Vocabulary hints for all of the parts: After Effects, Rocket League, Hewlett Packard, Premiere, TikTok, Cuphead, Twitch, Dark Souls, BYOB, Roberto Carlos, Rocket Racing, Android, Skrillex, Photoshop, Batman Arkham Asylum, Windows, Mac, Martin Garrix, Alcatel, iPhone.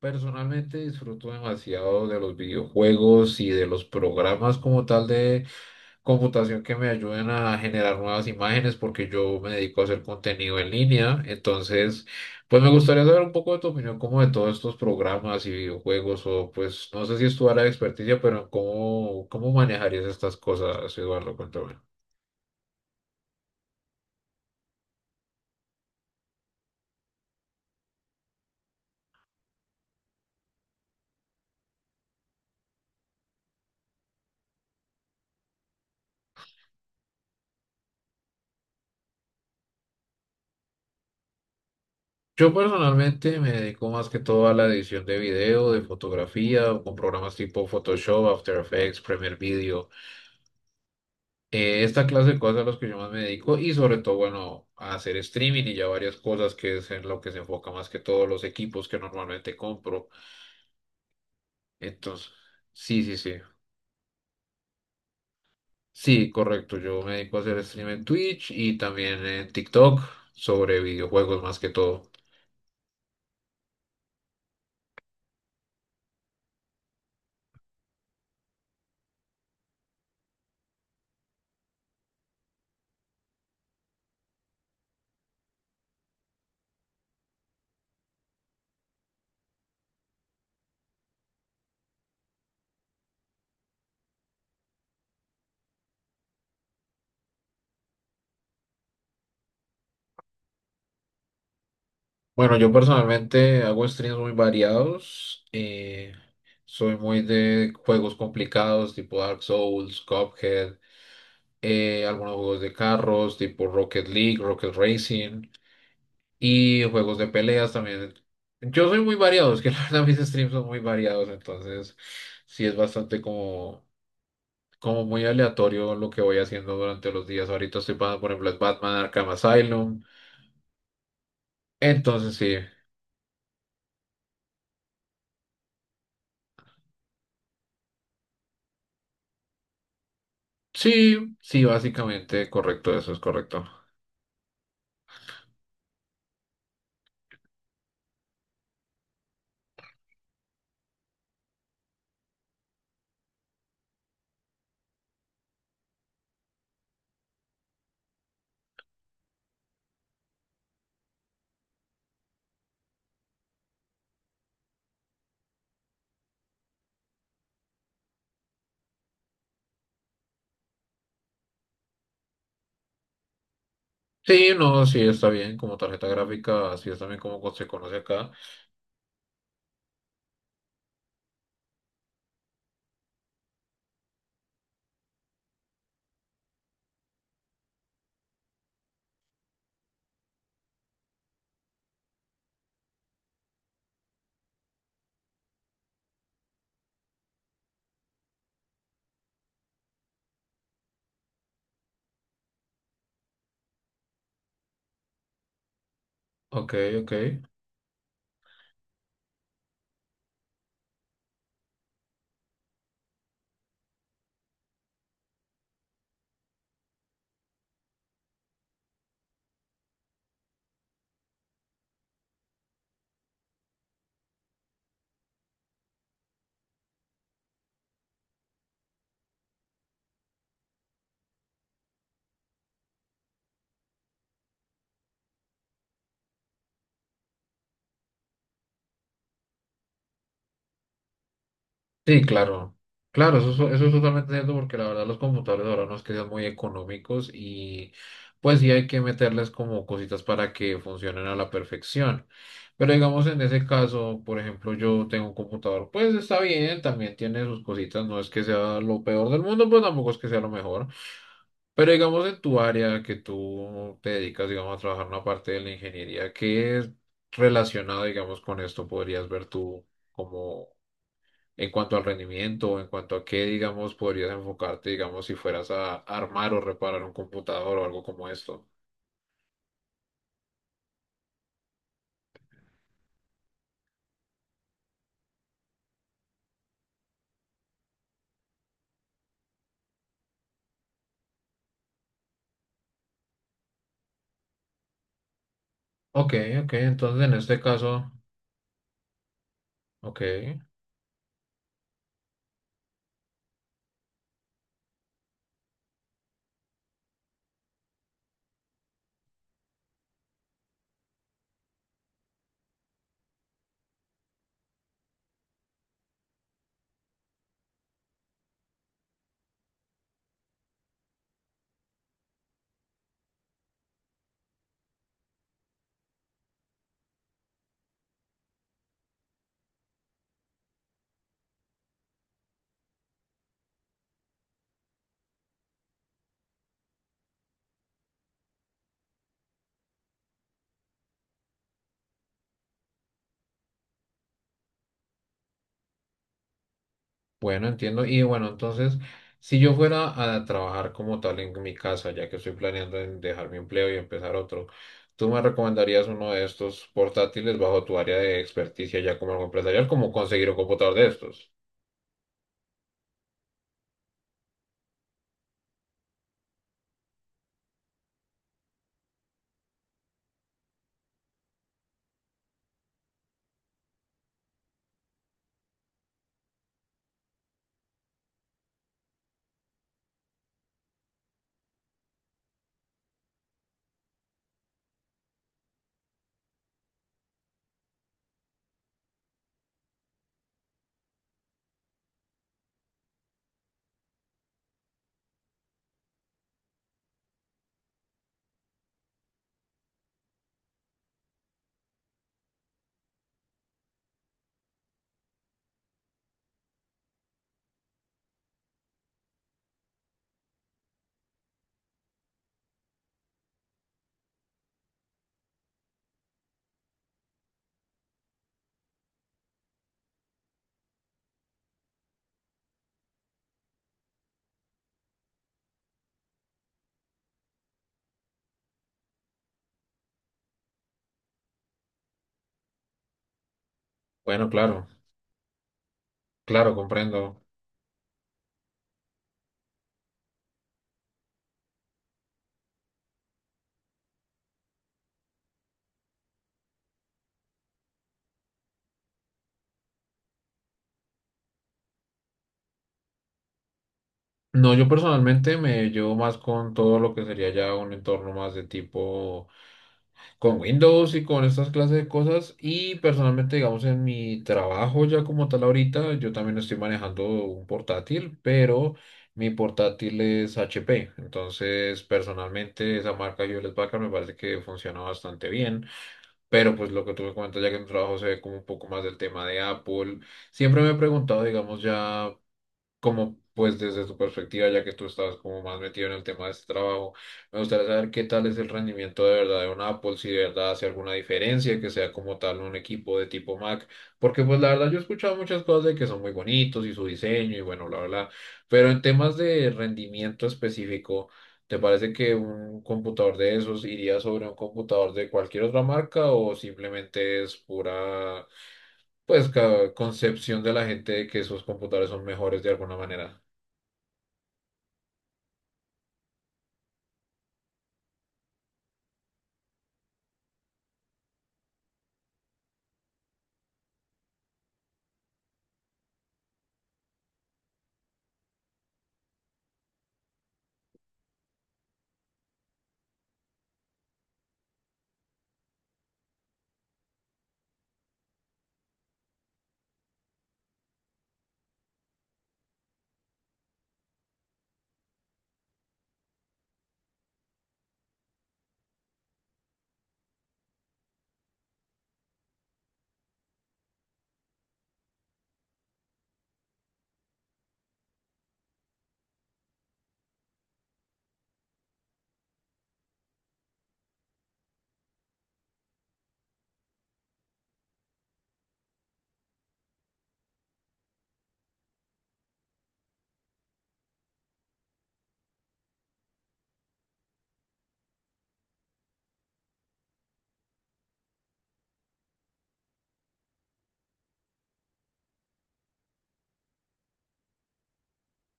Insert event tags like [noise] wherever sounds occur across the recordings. Personalmente disfruto demasiado de los videojuegos y de los programas como tal de computación que me ayuden a generar nuevas imágenes porque yo me dedico a hacer contenido en línea. Entonces, pues me gustaría saber un poco de tu opinión como de todos estos programas y videojuegos o pues no sé si es tu área de experticia, pero cómo manejarías estas cosas, Eduardo, cuéntame. Yo personalmente me dedico más que todo a la edición de video, de fotografía, con programas tipo Photoshop, After Effects, Premiere Video. Esta clase de cosas a las que yo más me dedico y sobre todo, bueno, a hacer streaming y ya varias cosas que es en lo que se enfoca más que todos los equipos que normalmente compro. Entonces, sí, sí, sí. Sí, correcto. Yo me dedico a hacer stream en Twitch y también en TikTok sobre videojuegos más que todo. Bueno, yo personalmente hago streams muy variados. Soy muy de juegos complicados tipo Dark Souls, Cuphead, algunos juegos de carros tipo Rocket League, Rocket Racing. Y juegos de peleas también. Yo soy muy variado, es que [laughs] la verdad mis streams son muy variados, entonces sí es bastante como muy aleatorio lo que voy haciendo durante los días. Ahorita estoy pasando, por ejemplo, es Batman Arkham Asylum. Entonces sí, sí, sí, básicamente correcto, eso es correcto. Sí, no, sí está bien como tarjeta gráfica, así es también como se conoce acá. Ok, ok. Sí, claro. Claro, eso es totalmente cierto porque la verdad los computadores ahora nos quedan muy económicos y pues sí hay que meterles como cositas para que funcionen a la perfección. Pero digamos en ese caso, por ejemplo, yo tengo un computador, pues está bien, también tiene sus cositas, no es que sea lo peor del mundo, pues tampoco es que sea lo mejor. Pero digamos en tu área que tú te dedicas, digamos, a trabajar una parte de la ingeniería, ¿qué es relacionado, digamos, con esto podrías ver tú como en cuanto al rendimiento en cuanto a qué, digamos, podrías enfocarte, digamos, si fueras a armar o reparar un computador o algo como esto? Ok, ok, entonces en este caso, ok, bueno, entiendo. Y bueno, entonces, si yo fuera a trabajar como tal en mi casa, ya que estoy planeando en dejar mi empleo y empezar otro, ¿tú me recomendarías uno de estos portátiles bajo tu área de experticia ya como algo empresarial, como conseguir un computador de estos? Bueno, claro, claro, comprendo. No, yo personalmente me llevo más con todo lo que sería ya un entorno más de tipo con Windows y con estas clases de cosas. Y personalmente, digamos, en mi trabajo ya como tal ahorita, yo también estoy manejando un portátil, pero mi portátil es HP. Entonces, personalmente, esa marca Hewlett Packard me parece que funciona bastante bien. Pero pues lo que tú me comentas ya que en tu trabajo se ve como un poco más del tema de Apple. Siempre me he preguntado, digamos, ya como pues desde tu perspectiva, ya que tú estabas como más metido en el tema de este trabajo, me gustaría saber qué tal es el rendimiento de verdad de un Apple, si de verdad hace alguna diferencia, que sea como tal un equipo de tipo Mac, porque pues la verdad yo he escuchado muchas cosas de que son muy bonitos y su diseño y bueno, bla, bla, bla, pero en temas de rendimiento específico, ¿te parece que un computador de esos iría sobre un computador de cualquier otra marca o simplemente es pura, pues, ca- concepción de la gente de que esos computadores son mejores de alguna manera?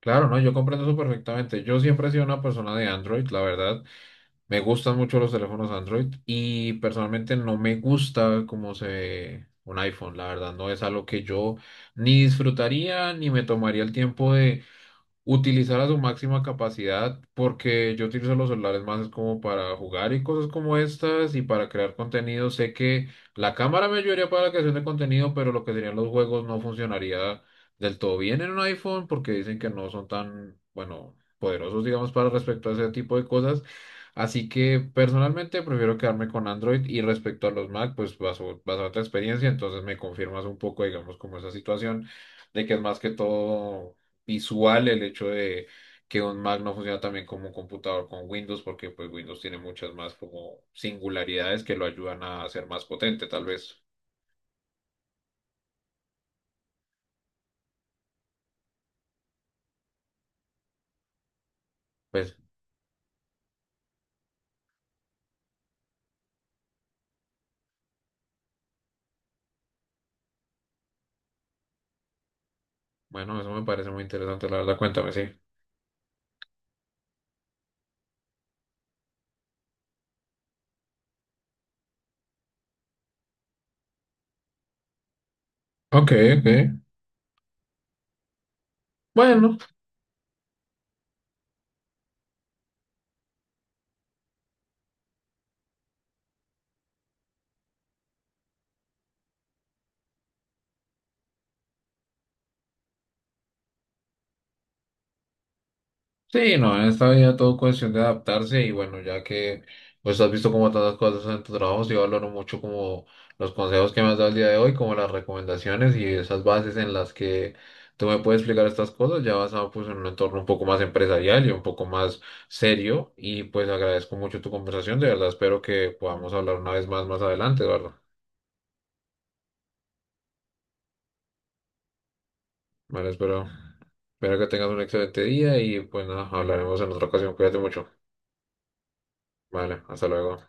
Claro, no, yo comprendo eso perfectamente. Yo siempre he sido una persona de Android, la verdad. Me gustan mucho los teléfonos Android y personalmente no me gusta cómo se ve un iPhone, la verdad. No es algo que yo ni disfrutaría ni me tomaría el tiempo utilizar a su máxima capacidad, porque yo utilizo los celulares más es como para jugar y cosas como estas y para crear contenido. Sé que la cámara me ayudaría para la creación de contenido, pero lo que serían los juegos no funcionaría del todo bien en un iPhone porque dicen que no son tan, bueno, poderosos, digamos, para respecto a ese tipo de cosas. Así que personalmente prefiero quedarme con Android y respecto a los Mac, pues baso, basado en tu experiencia, entonces me confirmas un poco, digamos, como esa situación de que es más que todo visual el hecho de que un Mac no funciona también como un computador con Windows, porque pues Windows tiene muchas más como singularidades que lo ayudan a ser más potente, tal vez. Pues bueno, eso me parece muy interesante, la verdad, cuéntame, sí. Ok, ok. Bueno. Sí, no, en esta vida todo cuestión de adaptarse y bueno, ya que pues has visto como tantas cosas en tu trabajo, sí valoro mucho como los consejos que me has dado el día de hoy, como las recomendaciones y esas bases en las que tú me puedes explicar estas cosas, ya basado pues en un entorno un poco más empresarial y un poco más serio y pues agradezco mucho tu conversación, de verdad espero que podamos hablar una vez más más adelante, Eduardo. Vale, espero, espero que tengas un excelente día y pues nada, hablaremos en otra ocasión, cuídate mucho. Vale, hasta luego.